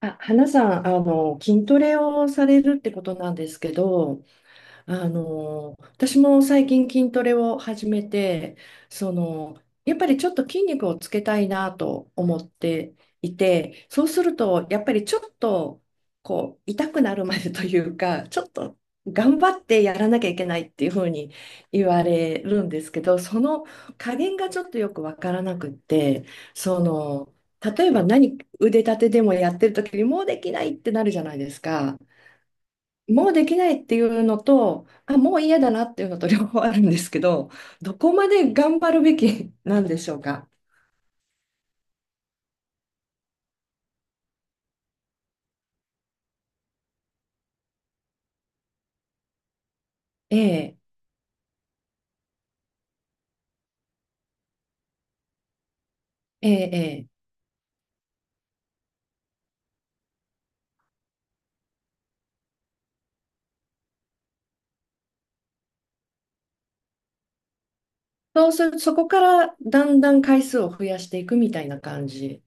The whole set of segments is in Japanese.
花さん、筋トレをされるってことなんですけど、私も最近筋トレを始めて、やっぱりちょっと筋肉をつけたいなと思っていて、そうすると、やっぱりちょっと、こう、痛くなるまでというか、ちょっと頑張ってやらなきゃいけないっていうふうに言われるんですけど、その加減がちょっとよくわからなくって、その、例えば何、腕立てでもやってる時にもうできないってなるじゃないですか。もうできないっていうのと、もう嫌だなっていうのと両方あるんですけど、どこまで頑張るべきなんでしょうか。ええ、ええ、ええ。そうする、そこからだんだん回数を増やしていくみたいな感じ。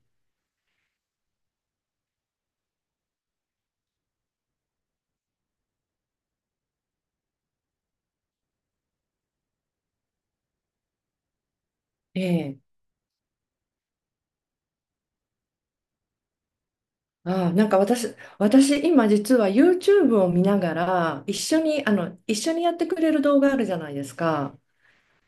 ええ。ああ、私今実は YouTube を見ながら、一緒に、一緒にやってくれる動画あるじゃないですか。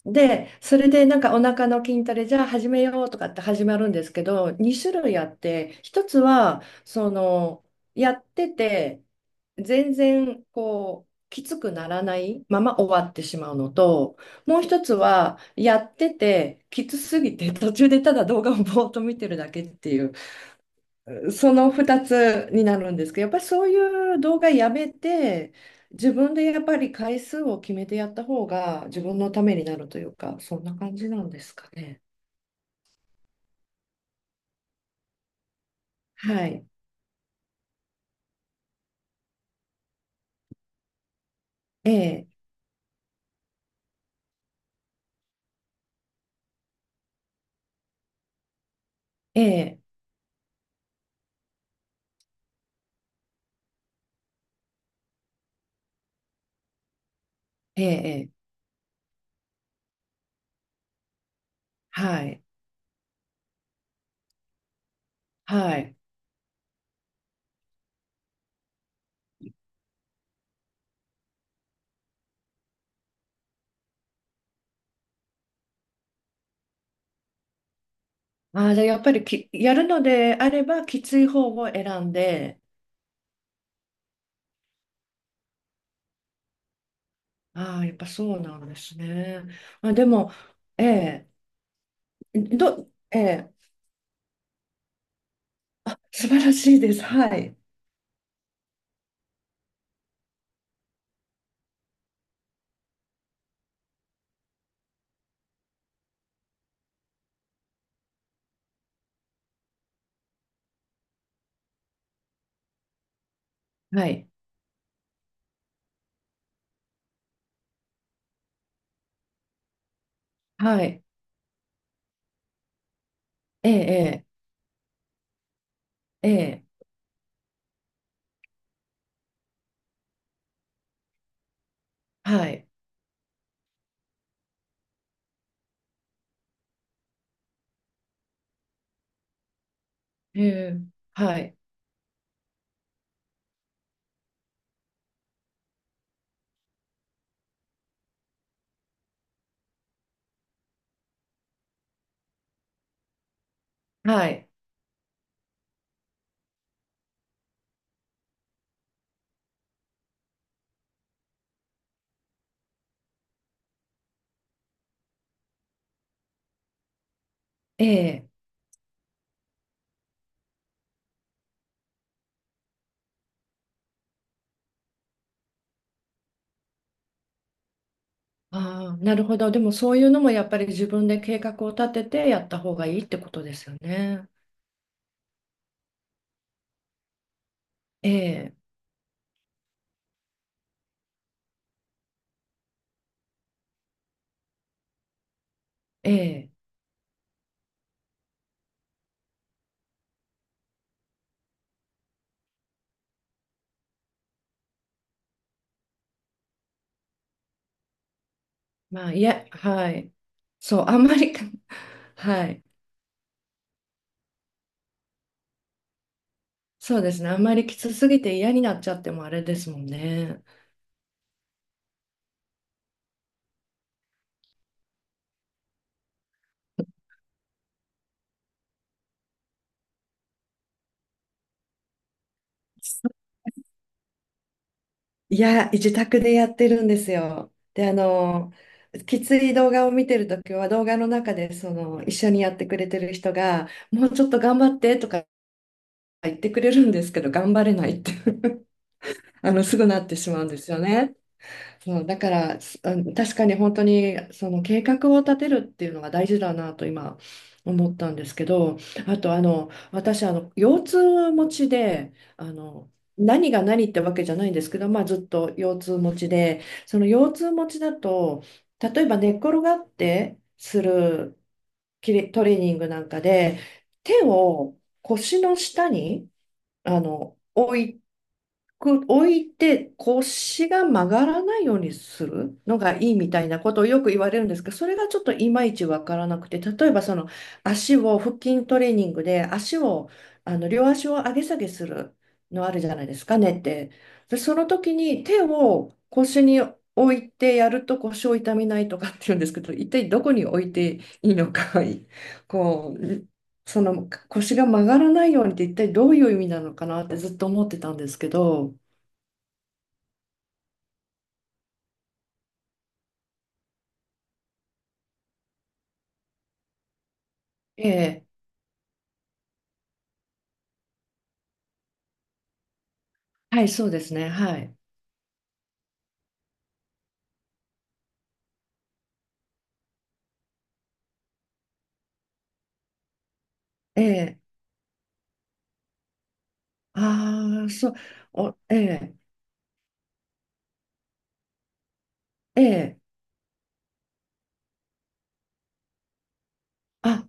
で、それでなんかお腹の筋トレじゃあ始めようとかって始まるんですけど、2種類あって、一つは、やってて、全然こう、きつくならないまま終わってしまうのと、もう一つは、やってて、きつすぎて途中でただ動画をぼーっと見てるだけっていう。その2つになるんですけど、やっぱりそういう動画やめて、自分でやっぱり回数を決めてやった方が自分のためになるというか、そんな感じなんですかね。はい。ええ、ええ、ええ、ええはい、はい。ああ、じゃあやっぱりやるのであれば、きつい方を選んで、ああ、やっぱそうなんですね。でも、ええ、ええ、素晴らしいです。はい、はい、はい、ええ、ええ、ええ。はい。ええ、はい。はい。ええ。ああ、なるほど。でもそういうのもやっぱり自分で計画を立ててやった方がいいってことですよね。ええ、ええ。まあ、いや、はい。そう、あんまり はい。そうですね。あんまりきつすぎて嫌になっちゃってもあれですもんね。いや、自宅でやってるんですよ。で、きつい動画を見てるときは、動画の中でその一緒にやってくれてる人が、もうちょっと頑張ってとか言ってくれるんですけど、頑張れないって すぐなってしまうんですよね。そう、だから、あの確かに本当に、その計画を立てるっていうのが大事だなと今思ったんですけど、あと、私、腰痛持ちで、何が何ってわけじゃないんですけど、まあ、ずっと腰痛持ちで、その腰痛持ちだと、例えば寝っ転がってするキレトレーニングなんかで、手を腰の下に、あの、置い置いて腰が曲がらないようにするのがいいみたいなことをよく言われるんですけど、それがちょっといまいちわからなくて、例えばその腹筋トレーニングで足を、両足を上げ下げするのあるじゃないですか、ねって。で、その時に手を腰に置いてやると腰を痛めないとかっていうんですけど、一体どこに置いていいのか、こう、その腰が曲がらないようにって一体どういう意味なのかなってずっと思ってたんですけど、ええ、はい、そうですね、はい。ええ、ああ、そう、お、ええ、ええ、あ、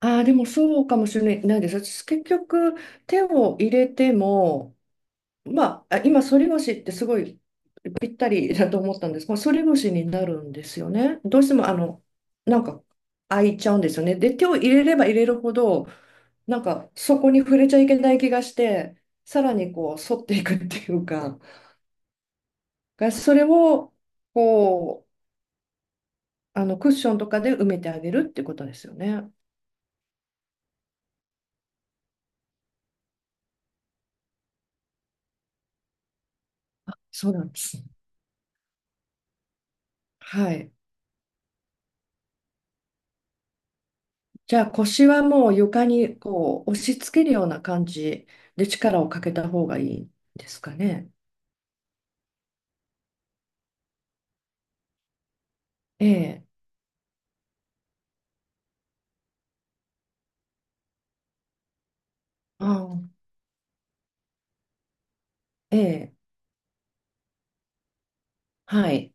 あー、でもそうかもしれないです。私結局手を入れても、まあ、あ今、反り腰ってすごいぴったりだと思ったんですが、反り腰になるんですよね。どうしても、なんか開いちゃうんですよね。で、手を入れれば入れるほど、なんかそこに触れちゃいけない気がして、さらにこう反っていくっていうか、がそれをこう、クッションとかで埋めてあげるってことですよね。そうなんです。はい。じゃあ腰はもう床にこう押し付けるような感じで力をかけた方がいいですかね。ええ。ああ、ええ。はい。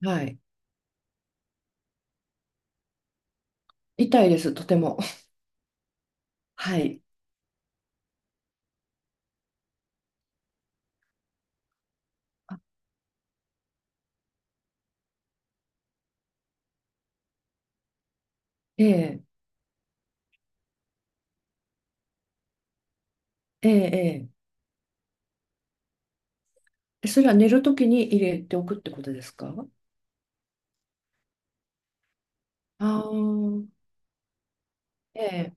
はい。痛いです、とても。はい。ええ。ええ。ええ。それは寝るときに入れておくってことですか。ああ、ええ。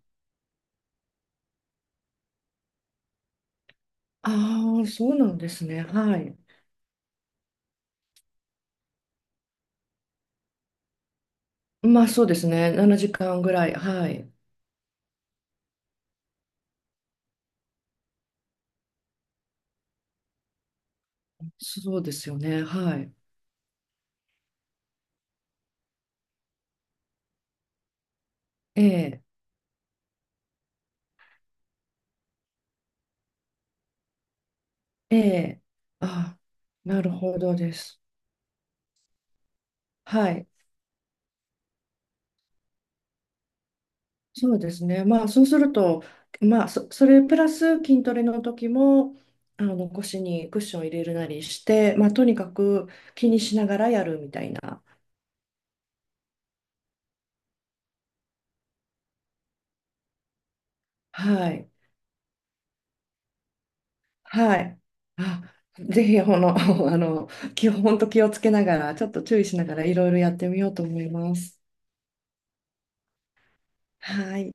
ああ、そうなんですね。はい。まあそうですね。7時間ぐらい。はい。そうですよね。はい。ええ、ええ。ああ、なるほどです。はい。そうですね。まあそうすると、それプラス筋トレの時も、あの腰にクッション入れるなりして、まあとにかく気にしながらやるみたいな。はい。はい。あ、ぜひ、この、あの、本当気をつけながら、ちょっと注意しながら、いろいろやってみようと思います。はい。